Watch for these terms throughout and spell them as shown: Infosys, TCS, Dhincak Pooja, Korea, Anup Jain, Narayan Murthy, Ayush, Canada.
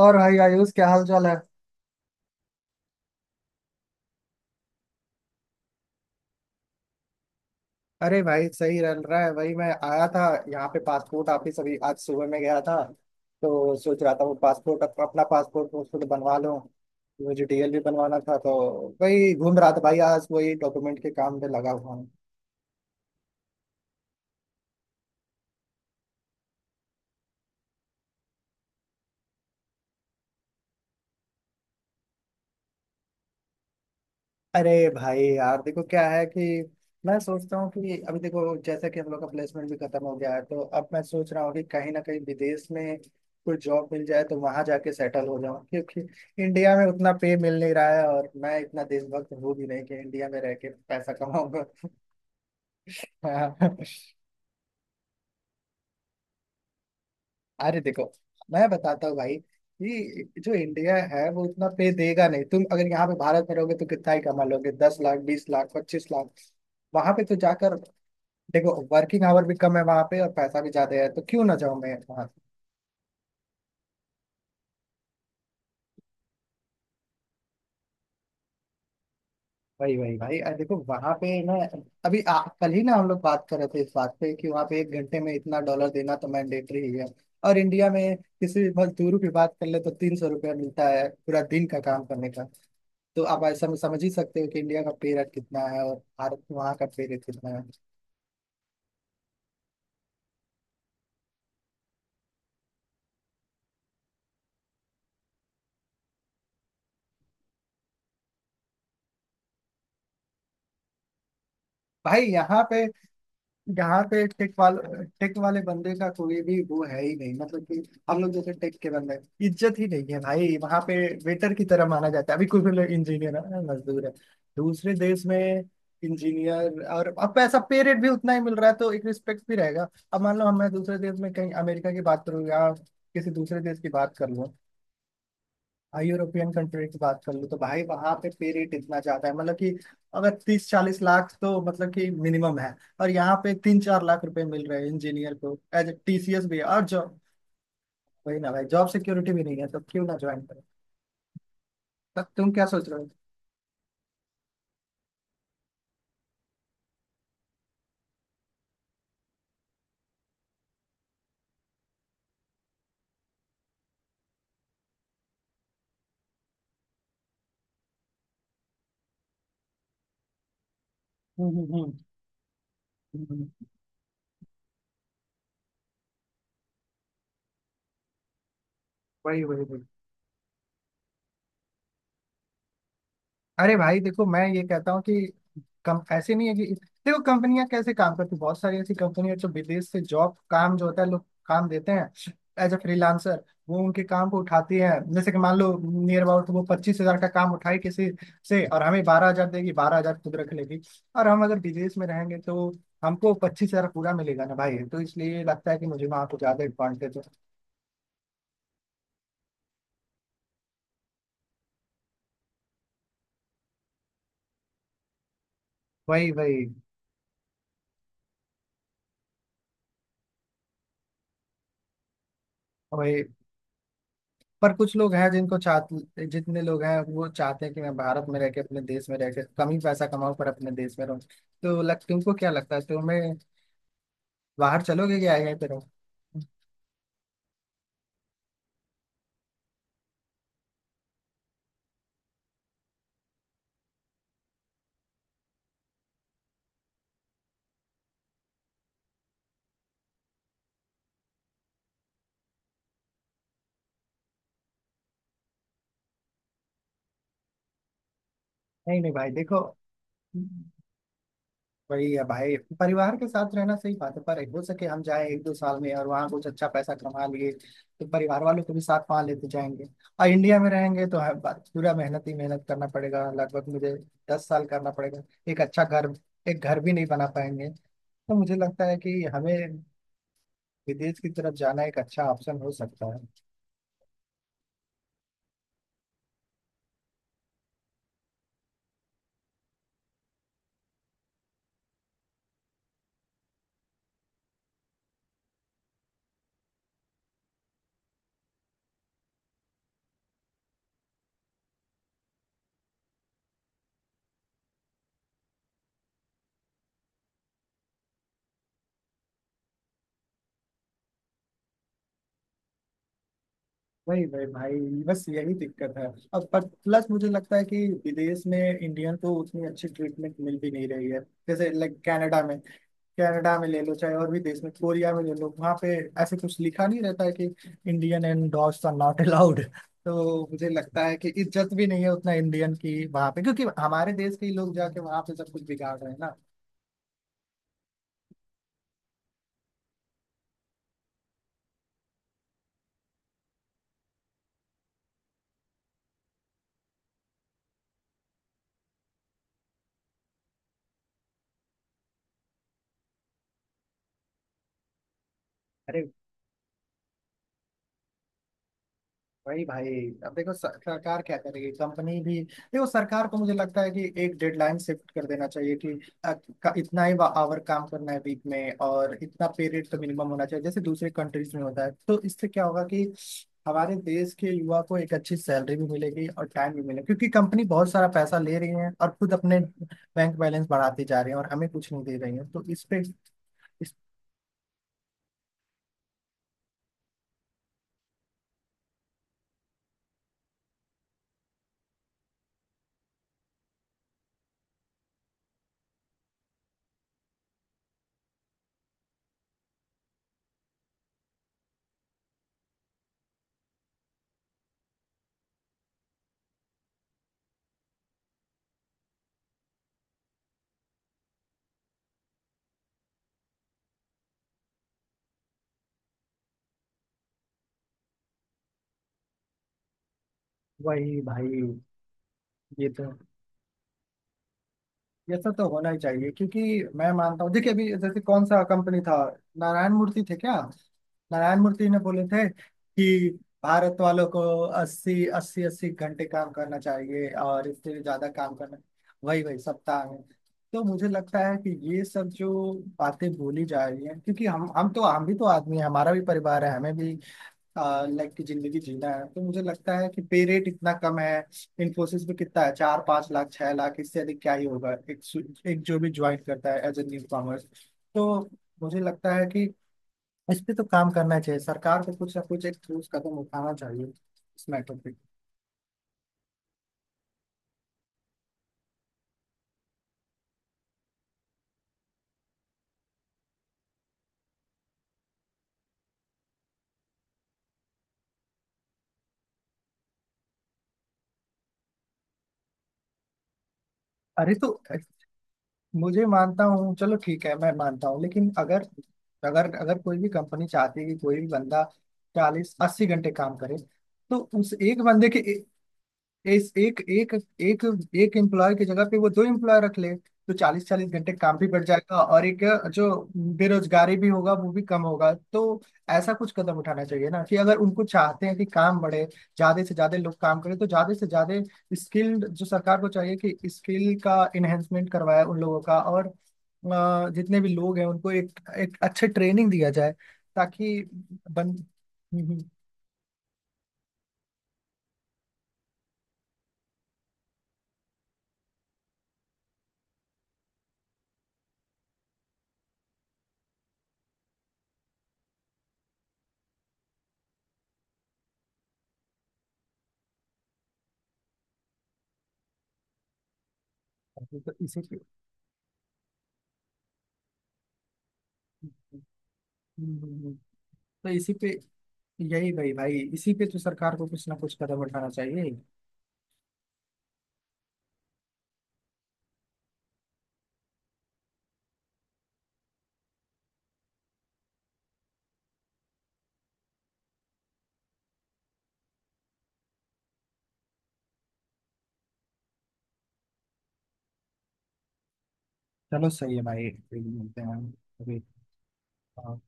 और भाई आयुष, क्या हाल चाल है। अरे भाई सही रन रहा है। वही मैं आया था यहाँ पे, पासपोर्ट ऑफिस अभी आज सुबह में गया था। तो सोच रहा था वो पासपोर्ट अपना पासपोर्ट वासपोर्ट बनवा लूँ। मुझे डीएल भी बनवाना था, तो वही घूम रहा था भाई, आज वही डॉक्यूमेंट के काम में लगा हुआ हूँ। अरे भाई यार, देखो क्या है कि मैं सोचता हूँ कि अभी देखो, जैसा कि हम लोग का प्लेसमेंट भी खत्म हो गया है तो अब मैं सोच रहा हूँ कि कहीं ना कहीं विदेश में कोई जॉब मिल जाए तो वहां जाके सेटल हो जाऊँ, क्योंकि इंडिया में उतना पे मिल नहीं रहा है और मैं इतना देशभक्त हूँ भी नहीं कि इंडिया में रह के पैसा कमाऊंगा। हाँ। अरे देखो, मैं बताता हूँ भाई कि जो इंडिया है वो उतना पे देगा नहीं। तुम अगर यहाँ पे भारत में रहोगे तो कितना ही कमा लोगे, 10 लाख, 20 लाख, 25 लाख। वहां पे तो जाकर देखो, वर्किंग आवर भी कम है वहां पे और पैसा भी ज्यादा है, तो क्यों ना जाऊं मैं वहां। वही वही भाई, देखो वहां पे ना, अभी कल ही ना हम लोग बात कर रहे थे इस बात पे कि वहां पे एक घंटे में इतना डॉलर देना तो मैंडेटरी ही है। और इंडिया में किसी मजदूर की बात कर ले तो 300 रुपया मिलता है पूरा दिन का काम करने का। तो आप ऐसा में समझ ही सकते हो कि इंडिया का पे रेट कितना है और भारत वहाँ का पे रेट कितना है। भाई यहाँ पे टेक वाले बंदे का कोई भी वो है ही नहीं, मतलब कि हम लोग जैसे टेक के बंदे, इज्जत ही नहीं है भाई वहाँ पे। वेटर की तरह माना जाता है। अभी कोई भी लोग इंजीनियर है, मजदूर है दूसरे देश में, इंजीनियर, और अब पैसा पे रेट भी उतना ही मिल रहा है तो एक रिस्पेक्ट भी रहेगा। अब मान लो हम मैं दूसरे देश में कहीं अमेरिका की बात करूँ या किसी दूसरे देश की बात कर लूँ। हाँ, यूरोपियन कंट्री की बात कर लूँ तो भाई वहां पे पे रेट इतना ज्यादा है, मतलब कि अगर 30-40 लाख तो मतलब कि मिनिमम है। और यहाँ पे 3-4 लाख रुपए मिल रहे हैं इंजीनियर को, एज ए टीसीएस भी है, और जॉब, वही ना भाई, जॉब सिक्योरिटी भी नहीं है, तो क्यों ना ज्वाइन करें। तो तुम क्या सोच रहे हो। हम्म, हम्म, हम्म। वही वही वही। अरे भाई देखो, मैं ये कहता हूँ कि कम ऐसे नहीं है कि देखो कंपनियां कैसे काम करती हैं, बहुत सारी ऐसी कंपनियां जो विदेश से जॉब, काम जो होता है, लोग काम देते हैं एज अ फ्रीलांसर, वो उनके काम को उठाती हैं। जैसे कि मान लो, नियर अबाउट वो 25,000 का काम उठाए किसी से, और हमें 12,000 देगी, 12,000 खुद रख लेगी। और हम अगर विदेश में रहेंगे तो हमको 25,000 पूरा मिलेगा ना भाई, तो इसलिए लगता है कि मुझे वहां को ज्यादा एडवांटेज है। वही वही वही। पर कुछ लोग हैं जिनको चाहते, जितने लोग हैं वो चाहते हैं कि मैं भारत में रह के, अपने देश में रह के, कम ही पैसा कमाऊं पर अपने देश में रहूं, तो लग तुमको क्या लगता है, तुम्हें बाहर चलोगे क्या यहीं पे रहो। नहीं नहीं भाई देखो, वही है भाई, परिवार के साथ रहना सही बात है, पर हो सके हम जाएं एक दो साल में और वहाँ कुछ अच्छा पैसा कमा लिए तो परिवार वालों को भी साथ वहाँ लेते जाएंगे। और इंडिया में रहेंगे तो हर बात पूरा मेहनत ही मेहनत करना पड़ेगा, लगभग मुझे 10 साल करना पड़ेगा एक अच्छा घर, एक घर भी नहीं बना पाएंगे। तो मुझे लगता है कि हमें विदेश की तरफ जाना एक अच्छा ऑप्शन हो सकता है। वही वही भाई, बस यही दिक्कत है। अब पर प्लस मुझे लगता है कि विदेश में इंडियन को उतनी अच्छी ट्रीटमेंट मिल भी नहीं रही है, जैसे लाइक कनाडा में, कनाडा में ले लो, चाहे और भी देश में, कोरिया में ले लो, वहाँ पे ऐसे कुछ लिखा नहीं रहता है कि Indian and dogs are not allowed. तो मुझे लगता है कि इज्जत भी नहीं है उतना इंडियन की वहाँ पे, क्योंकि हमारे देश के ही लोग जाके वहाँ पे सब कुछ बिगाड़ रहे हैं। ना, वही भाई, अब देखो सरकार क्या करेगी, कंपनी भी देखो। सरकार को मुझे लगता है कि एक डेडलाइन शिफ्ट कर देना चाहिए कि अ, इतना ही आवर काम करना है वीक में, और इतना पीरियड तो मिनिमम होना चाहिए जैसे दूसरे कंट्रीज में होता है। तो इससे क्या होगा कि हमारे देश के युवा को एक अच्छी सैलरी भी मिलेगी और टाइम भी मिलेगा, क्योंकि कंपनी बहुत सारा पैसा ले रही है और खुद अपने बैंक बैलेंस बढ़ाती जा रही है और हमें कुछ नहीं दे रही है। तो इस पे इस, वही भाई, ये तो ये सब तो होना ही चाहिए। क्योंकि मैं मानता हूँ, देखिए अभी जैसे कौन सा कंपनी था, नारायण मूर्ति थे क्या, नारायण मूर्ति ने बोले थे कि भारत वालों को अस्सी अस्सी अस्सी घंटे काम करना चाहिए और इससे ज्यादा काम करना। वही वही सप्ताह में। तो मुझे लगता है कि ये सब जो बातें बोली जा रही हैं, क्योंकि हम तो हम भी तो आदमी हैं, हमारा भी परिवार है, हमें भी लाइक की जिंदगी जीना है। तो मुझे लगता है कि पे रेट इतना कम है। इन्फोसिस में कितना है, 4-5 लाख, 6 लाख, इससे अधिक क्या ही होगा, एक जो भी ज्वाइन करता है एज ए न्यू कॉमर्स। तो मुझे लगता है कि इस पे तो काम करना चाहिए, सरकार को कुछ ना कुछ एक ठोस कदम उठाना चाहिए इस मैटर पे। अरे तो मुझे मानता हूँ, चलो ठीक है मैं मानता हूँ लेकिन अगर, अगर कोई भी कंपनी चाहती है कि कोई भी बंदा चालीस अस्सी घंटे काम करे, तो उस एक बंदे के इस एक एक एक एक एम्प्लॉय की जगह पे वो दो एम्प्लॉय रख ले तो चालीस चालीस घंटे काम भी बढ़ जाएगा और एक जो बेरोजगारी भी होगा वो भी कम होगा। तो ऐसा कुछ कदम उठाना चाहिए ना कि अगर उनको चाहते हैं कि काम बढ़े, ज्यादा से ज्यादा लोग काम करें तो ज्यादा से ज्यादा स्किल्ड, जो सरकार को चाहिए कि स्किल का इन्हेंसमेंट करवाए उन लोगों का, और जितने भी लोग हैं उनको एक एक अच्छे ट्रेनिंग दिया जाए ताकि बन तो इसी पे हम्म, हम्म, हम्म। तो इसी पे, यही भाई, भाई इसी पे तो सरकार को कुछ ना कुछ कदम उठाना चाहिए। चलो सही है भाई, फिर मिलते हैं अभी। हाँ,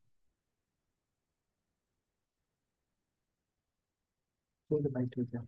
ठीक है भाई ठीक है।